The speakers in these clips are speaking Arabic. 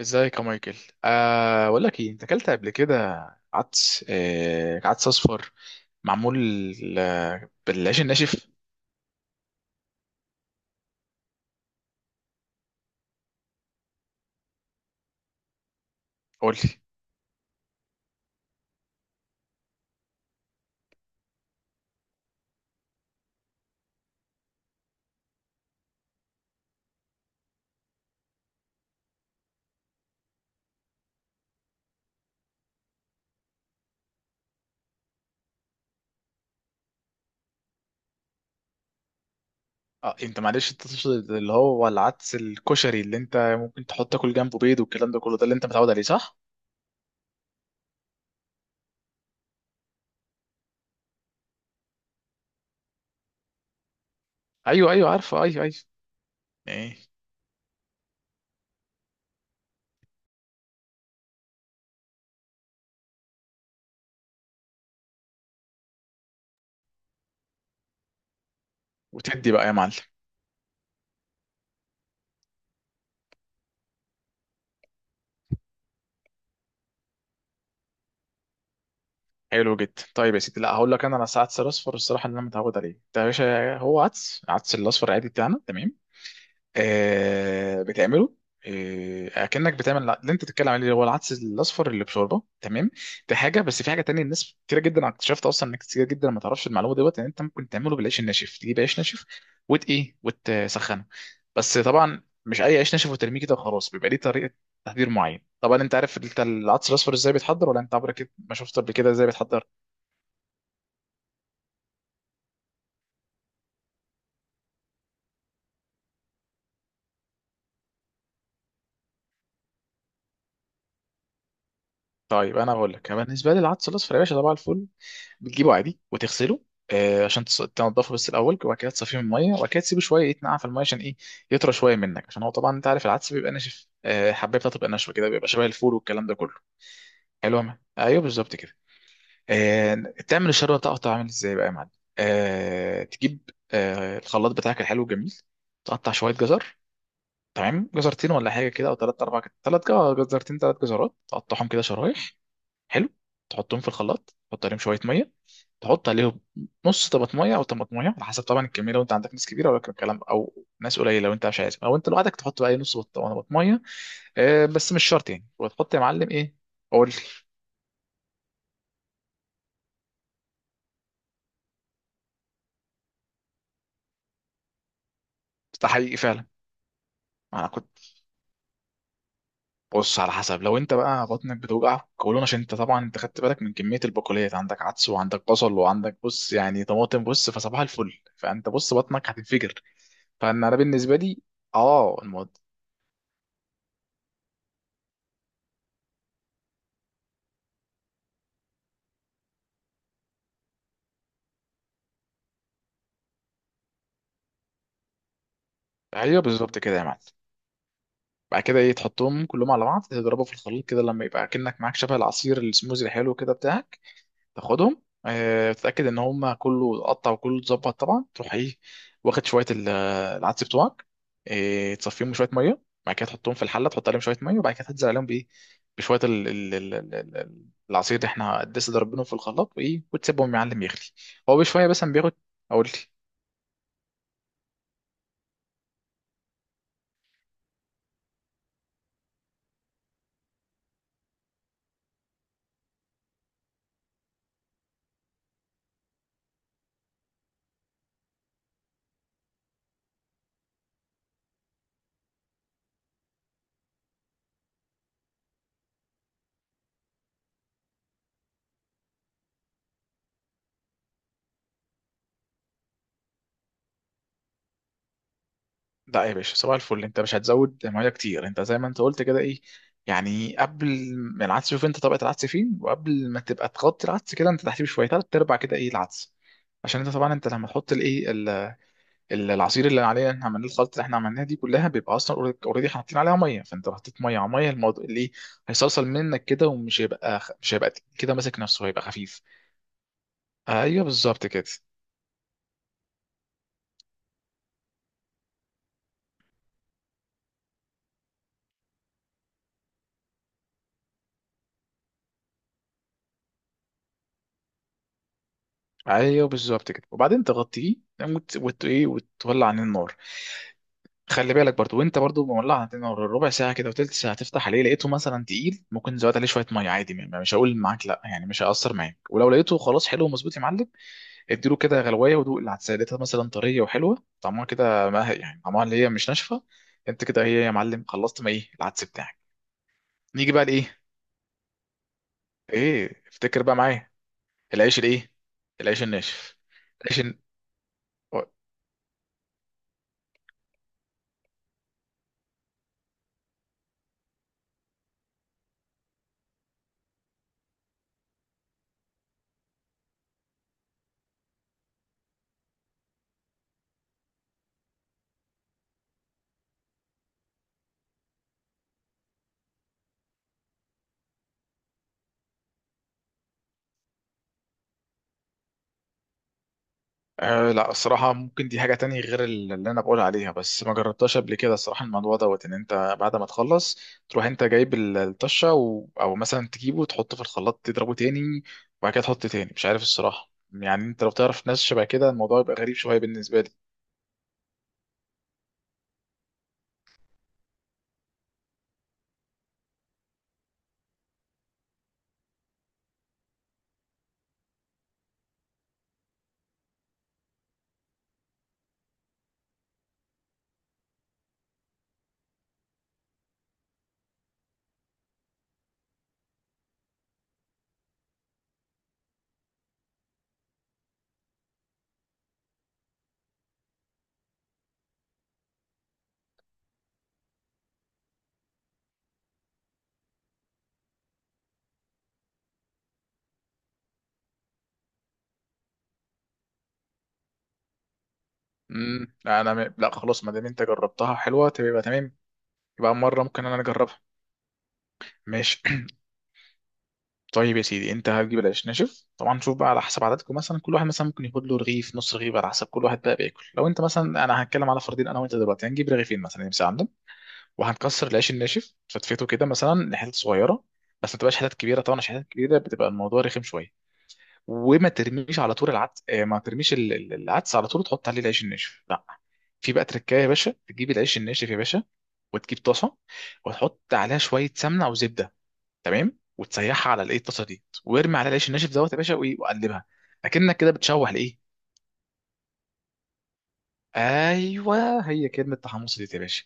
ازيك يا مايكل؟ بقول لك ايه، انت اكلت قبل كده؟ عدس اصفر. معمول. آه، بالعيش الناشف. قول لي. اه انت معلش، انت تقصد اللي هو العدس الكشري، اللي انت ممكن تحط تاكل جنبه بيض والكلام ده كله، ده اللي انت متعود عليه، صح؟ ايوه، ايوه، عارفه، ايوه، ايوه. ايه، وتدي بقى يا معلم. حلو جدا. طيب يا سيدي، لا هقول لك، انا على عدس الاصفر، الصراحه اللي انا متعود عليه ده يا باشا هو عدس الاصفر عادي بتاعنا، تمام. آه، بتعمله. آه، اكنك بتعمل اللي انت بتتكلم عليه، اللي هو العدس الاصفر اللي بشوربه، تمام. دي حاجه. بس في حاجه تانية، الناس كتير جدا اكتشفت اصلا انك كتير جدا ما تعرفش المعلومه دوت، ان انت ممكن تعمله بالعيش الناشف. تجيب عيش ناشف وت ايه وتسخنه. بس طبعا مش اي عيش ناشف وترميه كده وخلاص، بيبقى ليه طريقه تحضير معين. طبعا انت عارف، انت العدس الاصفر ازاي بيتحضر ولا انت عمرك ما شفت قبل كده ازاي بيتحضر؟ طيب، انا بقول لك، بالنسبه لي العدس الاصفر يا باشا، طبعا الفل. بتجيبه عادي وتغسله. آه، عشان تنضفه بس الاول، وبعد كده تصفيه من الميه، وبعد كده تسيبه شويه يتنقع في الميه، عشان ايه؟ يطرى شويه منك، عشان هو طبعا انت عارف العدس بيبقى ناشف، الحبايه بتاعته بتبقى ناشفه كده، بيبقى شبه الفول والكلام ده كله. حلو يا مان؟ ايوه، بالظبط كده. آه، تعمل الشوربه بتاعته. عامل ازاي بقى يا معلم؟ آه، تجيب الخلاط بتاعك الحلو الجميل. تقطع شويه جزر. تمام، جزرتين ولا حاجه كده، او ثلاث، اربع، ثلاث جزرتين، ثلاث جزرات، تقطعهم كده شرايح. حلو. تحطهم في الخلاط، تحط عليهم شويه ميه. تحط عليهم نص طماطمية او طماطمية، على حسب طبعا الكمية. لو انت عندك ناس كبيرة ولا الكلام، او ناس قليلة لو انت مش عايز، او انت لوحدك، تحط بقى إيه، نص طماطمية. آه، بس مش شرط يعني. وتحط يا معلم ايه. قول لي. ده حقيقي فعلا. انا كنت. بص، على حسب. لو انت بقى بطنك بتوجعك قولون، عشان انت طبعا، انت خدت بالك من كمية البقوليات، عندك عدس وعندك بصل وعندك بص يعني طماطم، بص، فصباح الفل، فانت بص بطنك هتنفجر. فانا بالنسبة لي. اه، الموضوع. ايوه، بالظبط كده يا معلم. بعد كده، ايه، تحطهم كلهم على بعض، تضربه في الخليط كده لما يبقى كأنك معاك شبه العصير السموزي الحلو كده بتاعك. تاخدهم، تتأكد ان هما كله اتقطع وكله اتظبط، طبعا تروح ايه. واخد شوية العدس بتوعك. آه، تصفيهم شوية مية، بعد كده تحطهم في الحلة، تحط عليهم شوية مية، وبعد كده تنزل عليهم بايه. بشوية العصير اللي احنا لسه ضربينه في الخلاط، وايه، وتسيبهم يا معلم يغلي. هو بشوية، بس بياخد. اقول لي. لا يا باشا، صباح الفل. انت مش هتزود ميه كتير. انت زي ما انت قلت كده، ايه. يعني قبل ما العدس، شوف انت طبقه العدس فين، وقبل ما تبقى تغطي العدس كده انت تحتيه شويه، تلات ارباع كده ايه العدس. عشان انت طبعا انت لما تحط العصير اللي عليه احنا عملناه، الخلطه اللي احنا عملناها دي كلها، بيبقى اصلا اوريدي حاطين عليها ميه، فانت لو حطيت ميه على ميه، الموضوع اللي ايه. هيصلصل منك كده، ومش هيبقى خ- مش هيبقى تقيل كده ماسك نفسه، هيبقى خفيف. ايوه، بالظبط كده. ايوه، بالظبط كده، وبعدين تغطيه وت... وت... ايه وتولع عن النار. خلي بالك برضو. وانت برضو مولع، انت ربع ساعه كده وتلت ساعه تفتح عليه، لقيته مثلا تقيل ممكن تزود عليه شويه ميه عادي، مش هقول معاك لا يعني، مش هيأثر معاك. ولو لقيته خلاص حلو ومظبوط يا معلم، اديله كده غلوايه، ودوق العدسه، لقيتها مثلا طريه وحلوه طعمها كده، ما هي يعني طعمها اللي هي مش ناشفه. انت كده هي يا معلم، خلصت ما ايه العدس بتاعك. نيجي بقى لايه؟ ايه، افتكر بقى معايا. العيش الايه؟ العيش الناشف. العيش. أه لا، الصراحة ممكن دي حاجة تانية غير اللي أنا بقول عليها، بس ما جربتهاش قبل كده الصراحة. الموضوع دوت إن أنت بعد ما تخلص، تروح أنت جايب الطشة، أو مثلا تجيبه وتحطه في الخلاط تضربه تاني. وبعد كده تحط تاني، مش عارف الصراحة يعني. أنت لو تعرف ناس شبه كده الموضوع يبقى غريب شوية بالنسبة لي. لا، أنا لا خلاص. ما دام أنت جربتها حلوة تبقى تمام. يبقى مرة ممكن أنا أجربها. ماشي. طيب يا سيدي، انت هتجيب العيش ناشف طبعا. شوف بقى على حسب عددكم، مثلا كل واحد مثلا ممكن ياخد له رغيف، نص رغيف، على حسب كل واحد بقى بياكل. لو انت مثلا، انا هتكلم على فردين انا وانت دلوقتي، هنجيب رغيفين مثلا يمسك عندهم. وهنكسر العيش الناشف، فتفيته كده مثلا لحتت صغيره. بس ما تبقاش حتت كبيره طبعا، عشان حتت كبيره بتبقى الموضوع رخم شويه. وما ترميش على طول العدس، ما ترميش العدس على طول تحط عليه العيش الناشف، لا. في بقى تركايه يا باشا، تجيب العيش الناشف يا باشا. وتجيب طاسه. وتحط عليها شويه سمنه او زبده. تمام. وتسيحها على الطاسه دي، وارمي عليها العيش الناشف دوت يا باشا، وقلبها. اكنك كده بتشوح لايه. ايوه، هي كلمه تحمص دي يا باشا.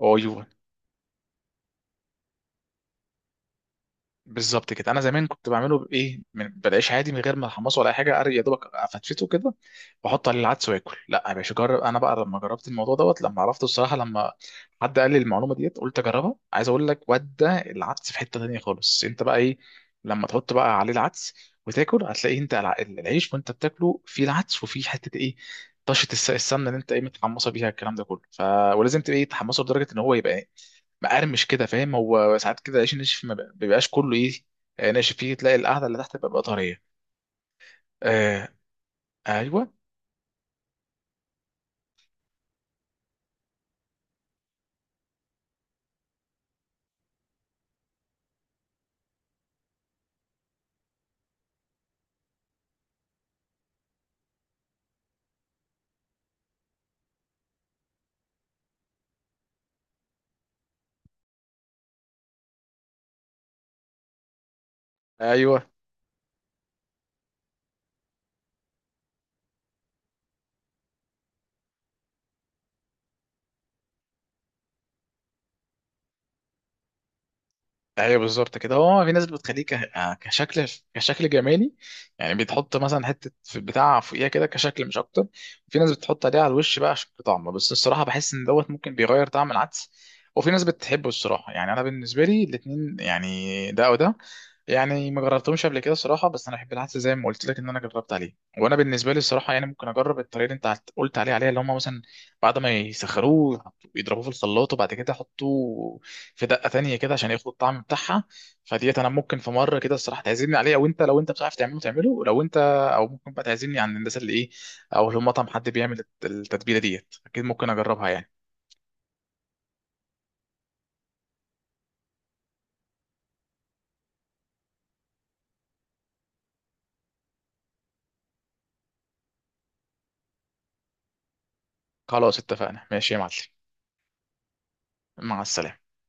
ايوه، بالظبط كده. انا زمان كنت بعمله بايه من بالعيش عادي، من غير ما احمصه ولا اي حاجه، يا دوبك افتفته كده، واحط عليه العدس واكل. لا يا باشا، جرب. انا بقى لما جربت الموضوع دوت، لما عرفته الصراحه، لما حد قال لي المعلومه ديت، قلت اجربها. عايز اقول لك، ودى العدس في حته تانيه خالص. انت بقى ايه، لما تحط بقى عليه العدس وتاكل، هتلاقي انت العيش، وانت بتاكله فيه العدس وفيه حته ايه، طشه السمنه اللي انت متحمصه بيها، الكلام ده كله ولازم تبقى تحمصه لدرجه ان هو يبقى مقرمش كده، فاهم. هو ساعات كده العيش الناشف ما بيبقاش كله ايه، آه، ناشف، فيه تلاقي القعده اللي تحت بتبقى طريه. آه. ايوه. ايوه، ايوه، بالظبط كده. هو في ناس بتخليه كشكل، كشكل جمالي. يعني بتحط مثلا حته في بتاع فوقيها كده كشكل، مش اكتر. في ناس بتحط عليه على الوش بقى عشان طعمه، بس الصراحه بحس ان دوت ممكن بيغير طعم العدس. وفي ناس بتحبه الصراحه. يعني انا بالنسبه لي الاتنين يعني، ده او ده. يعني ما جربتهمش قبل كده الصراحه. بس انا احب العدس زي ما قلت لك ان انا جربت عليه. وانا بالنسبه لي الصراحه يعني ممكن اجرب الطريقه اللي انت قلت عليها، اللي هم مثلا بعد ما يسخروه، يضربوه في الخلاط، وبعد كده يحطوه في دقه تانية كده عشان ياخدوا الطعم بتاعها. فديت انا ممكن في مره كده الصراحه تعزمني عليه، او انت لو انت بتعرف تعمله تعمله، لو انت، او ممكن بقى تعزمني عند الناس اللي ايه، او لو مطعم حد بيعمل التتبيله ديت، اكيد ممكن اجربها يعني. خلاص، اتفقنا. ماشي يا معلم. مع السلامه.